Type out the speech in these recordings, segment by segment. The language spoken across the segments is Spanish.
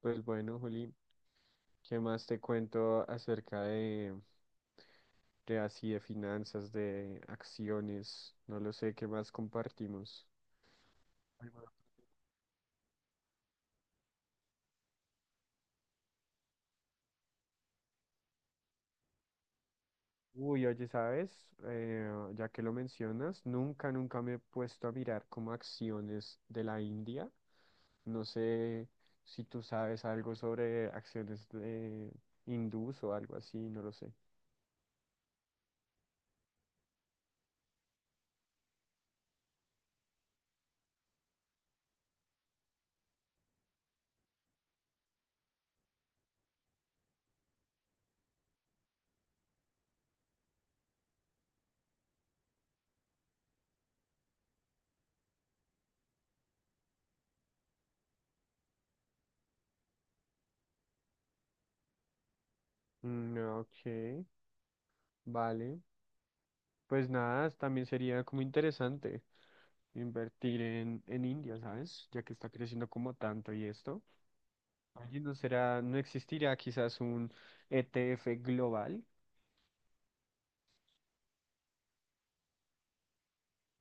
Pues bueno, Juli, ¿qué más te cuento acerca de así de finanzas, de acciones? No lo sé, ¿qué más compartimos? Ay, bueno. Uy, oye, ¿sabes? Ya que lo mencionas, nunca, nunca me he puesto a mirar como acciones de la India. No sé si tú sabes algo sobre acciones de hindús o algo así, no lo sé. Mm, ok, vale. Pues nada, también sería como interesante. Invertir en India, ¿sabes? Ya que está creciendo como tanto y esto. Allí no será, no existirá quizás un ETF global,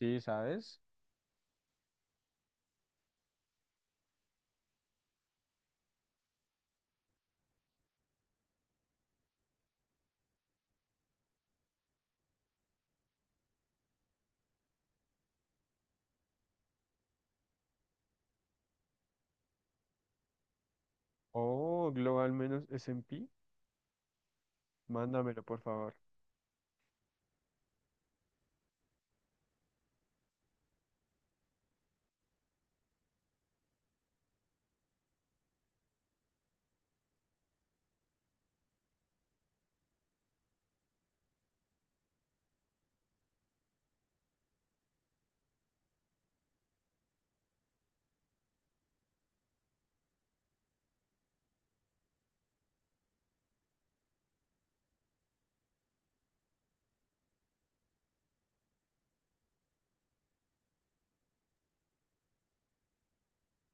¿sí? ¿Sabes? O global menos S&P, mándamelo por favor.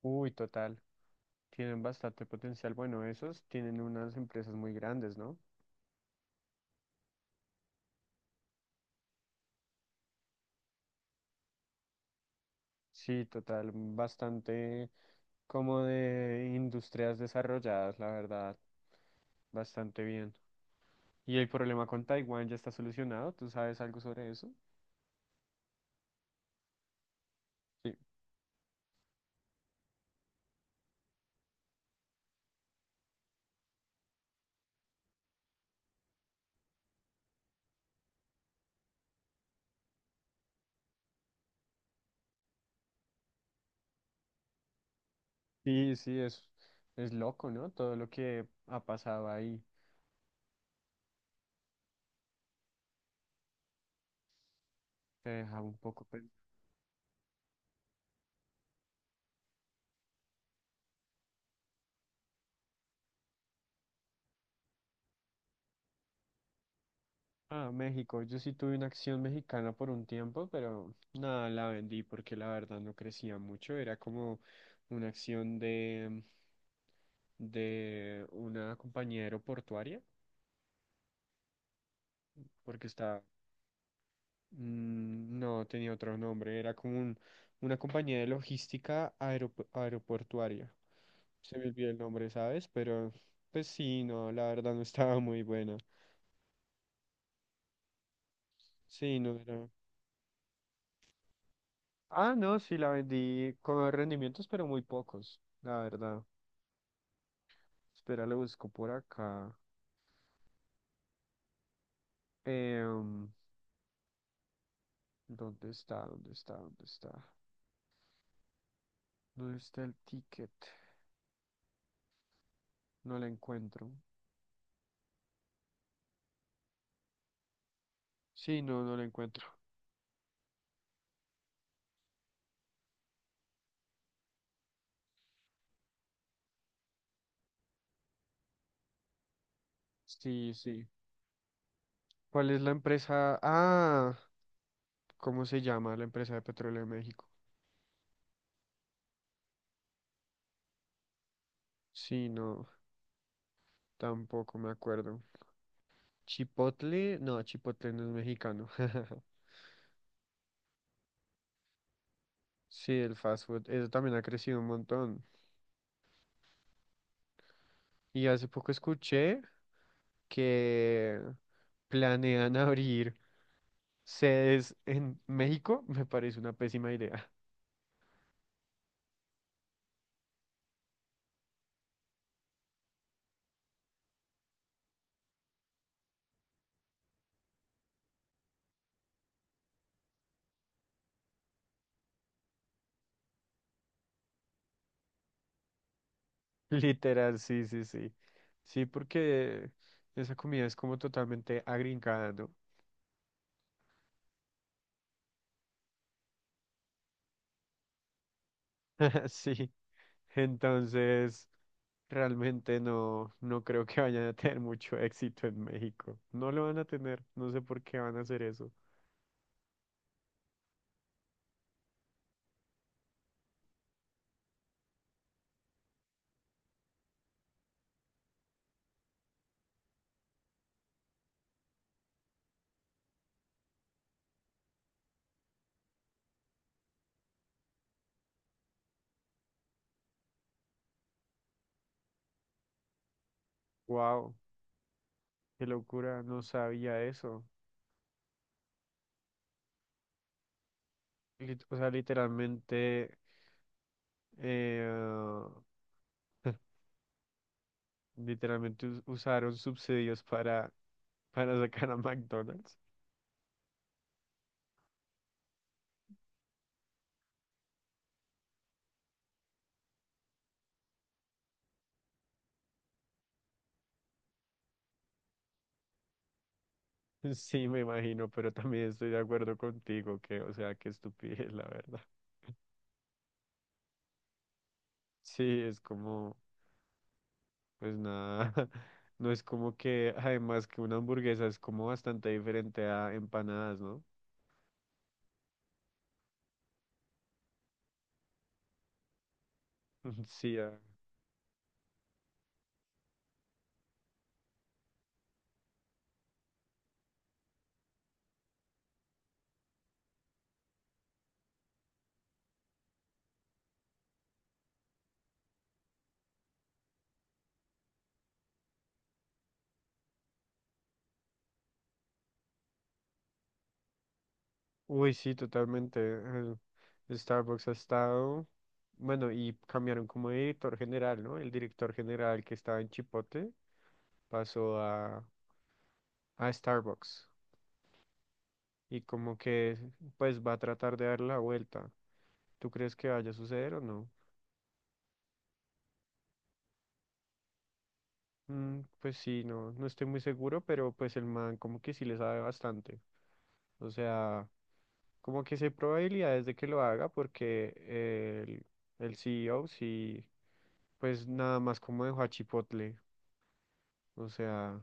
Uy, total, tienen bastante potencial. Bueno, esos tienen unas empresas muy grandes, ¿no? Sí, total, bastante como de industrias desarrolladas, la verdad, bastante bien. ¿Y el problema con Taiwán ya está solucionado? ¿Tú sabes algo sobre eso? Sí. Sí, sí, es loco, ¿no? Todo lo que ha pasado ahí te deja un poco pensando. Ah, México, yo sí tuve una acción mexicana por un tiempo, pero nada, la vendí porque la verdad no crecía mucho. Era como una acción de una compañía aeroportuaria, porque está. Mm, no, tenía otro nombre, era como una compañía de logística aeroportuaria. Se me olvidó el nombre, ¿sabes? Pero pues sí, no, la verdad no estaba muy buena. Sí, no era. Ah, no, sí, la vendí con rendimientos, pero muy pocos, la verdad. Espera, lo busco por acá. Em, ¿Dónde está? ¿Dónde está? ¿Dónde está? ¿Dónde está el ticket? No la encuentro. Sí, no, no la encuentro. Sí, sí. ¿Cuál es la empresa? Ah, ¿cómo se llama la empresa de petróleo de México? Sí, no, tampoco me acuerdo. Chipotle no es mexicano. Sí, el fast food, eso también ha crecido un montón. Y hace poco escuché que planean abrir sedes en México. Me parece una pésima idea. Literal, sí, sí, sí. Sí, porque esa comida es como totalmente agringada, ¿no? Sí. Entonces, realmente no, no creo que vayan a tener mucho éxito en México. No lo van a tener, no sé por qué van a hacer eso. Wow, qué locura, no sabía eso. O sea, literalmente, eh, literalmente usaron subsidios para sacar a McDonald's. Sí, me imagino, pero también estoy de acuerdo contigo que, o sea, qué estupidez, la verdad. Sí, es como. Pues nada, no es como que, además que una hamburguesa es como bastante diferente a empanadas, ¿no? Sí, ah. Uy, sí, totalmente. El Starbucks ha estado, bueno, y cambiaron como de director general, ¿no? El director general que estaba en Chipotle pasó a Starbucks y como que pues va a tratar de dar la vuelta. ¿Tú crees que vaya a suceder o no? Mm, pues sí, no, no estoy muy seguro, pero pues el man como que sí le sabe bastante. O sea, como que sí hay probabilidades de que lo haga porque el, el CEO sí, pues nada más como dejó a Chipotle. O sea,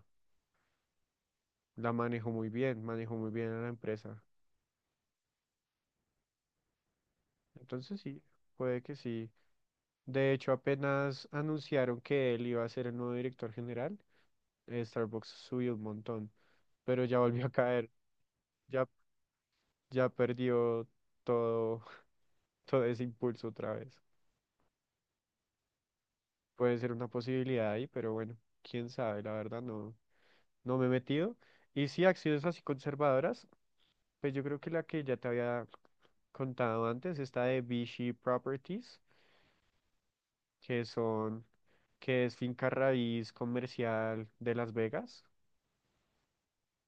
la manejó muy bien a la empresa. Entonces sí, puede que sí. De hecho, apenas anunciaron que él iba a ser el nuevo director general, Starbucks subió un montón, pero ya volvió a caer. Ya ya perdió todo, todo ese impulso otra vez. Puede ser una posibilidad ahí, pero bueno, quién sabe, la verdad no, no me he metido. Y sí, acciones así conservadoras, pues yo creo que la que ya te había contado antes, esta de Vichy Properties, que son, que es finca raíz comercial de Las Vegas.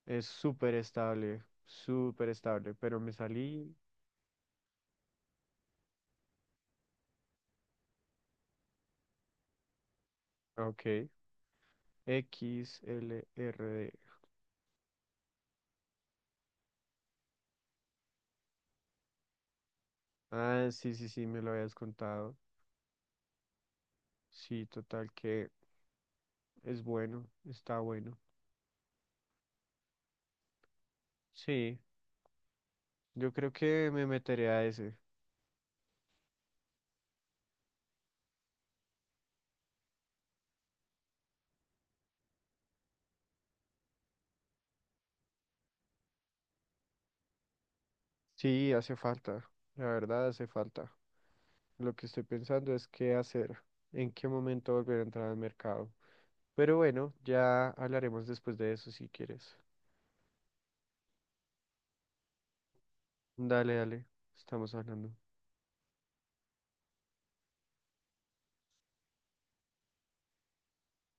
Es súper estable, pero me salí, ok, X L R D. Ah, sí, sí, sí, me lo habías contado. Sí, total, que es bueno, está bueno. Sí, yo creo que me meteré a ese. Sí, hace falta, la verdad hace falta. Lo que estoy pensando es qué hacer, en qué momento volver a entrar al mercado. Pero bueno, ya hablaremos después de eso si quieres. Dale, dale, estamos hablando.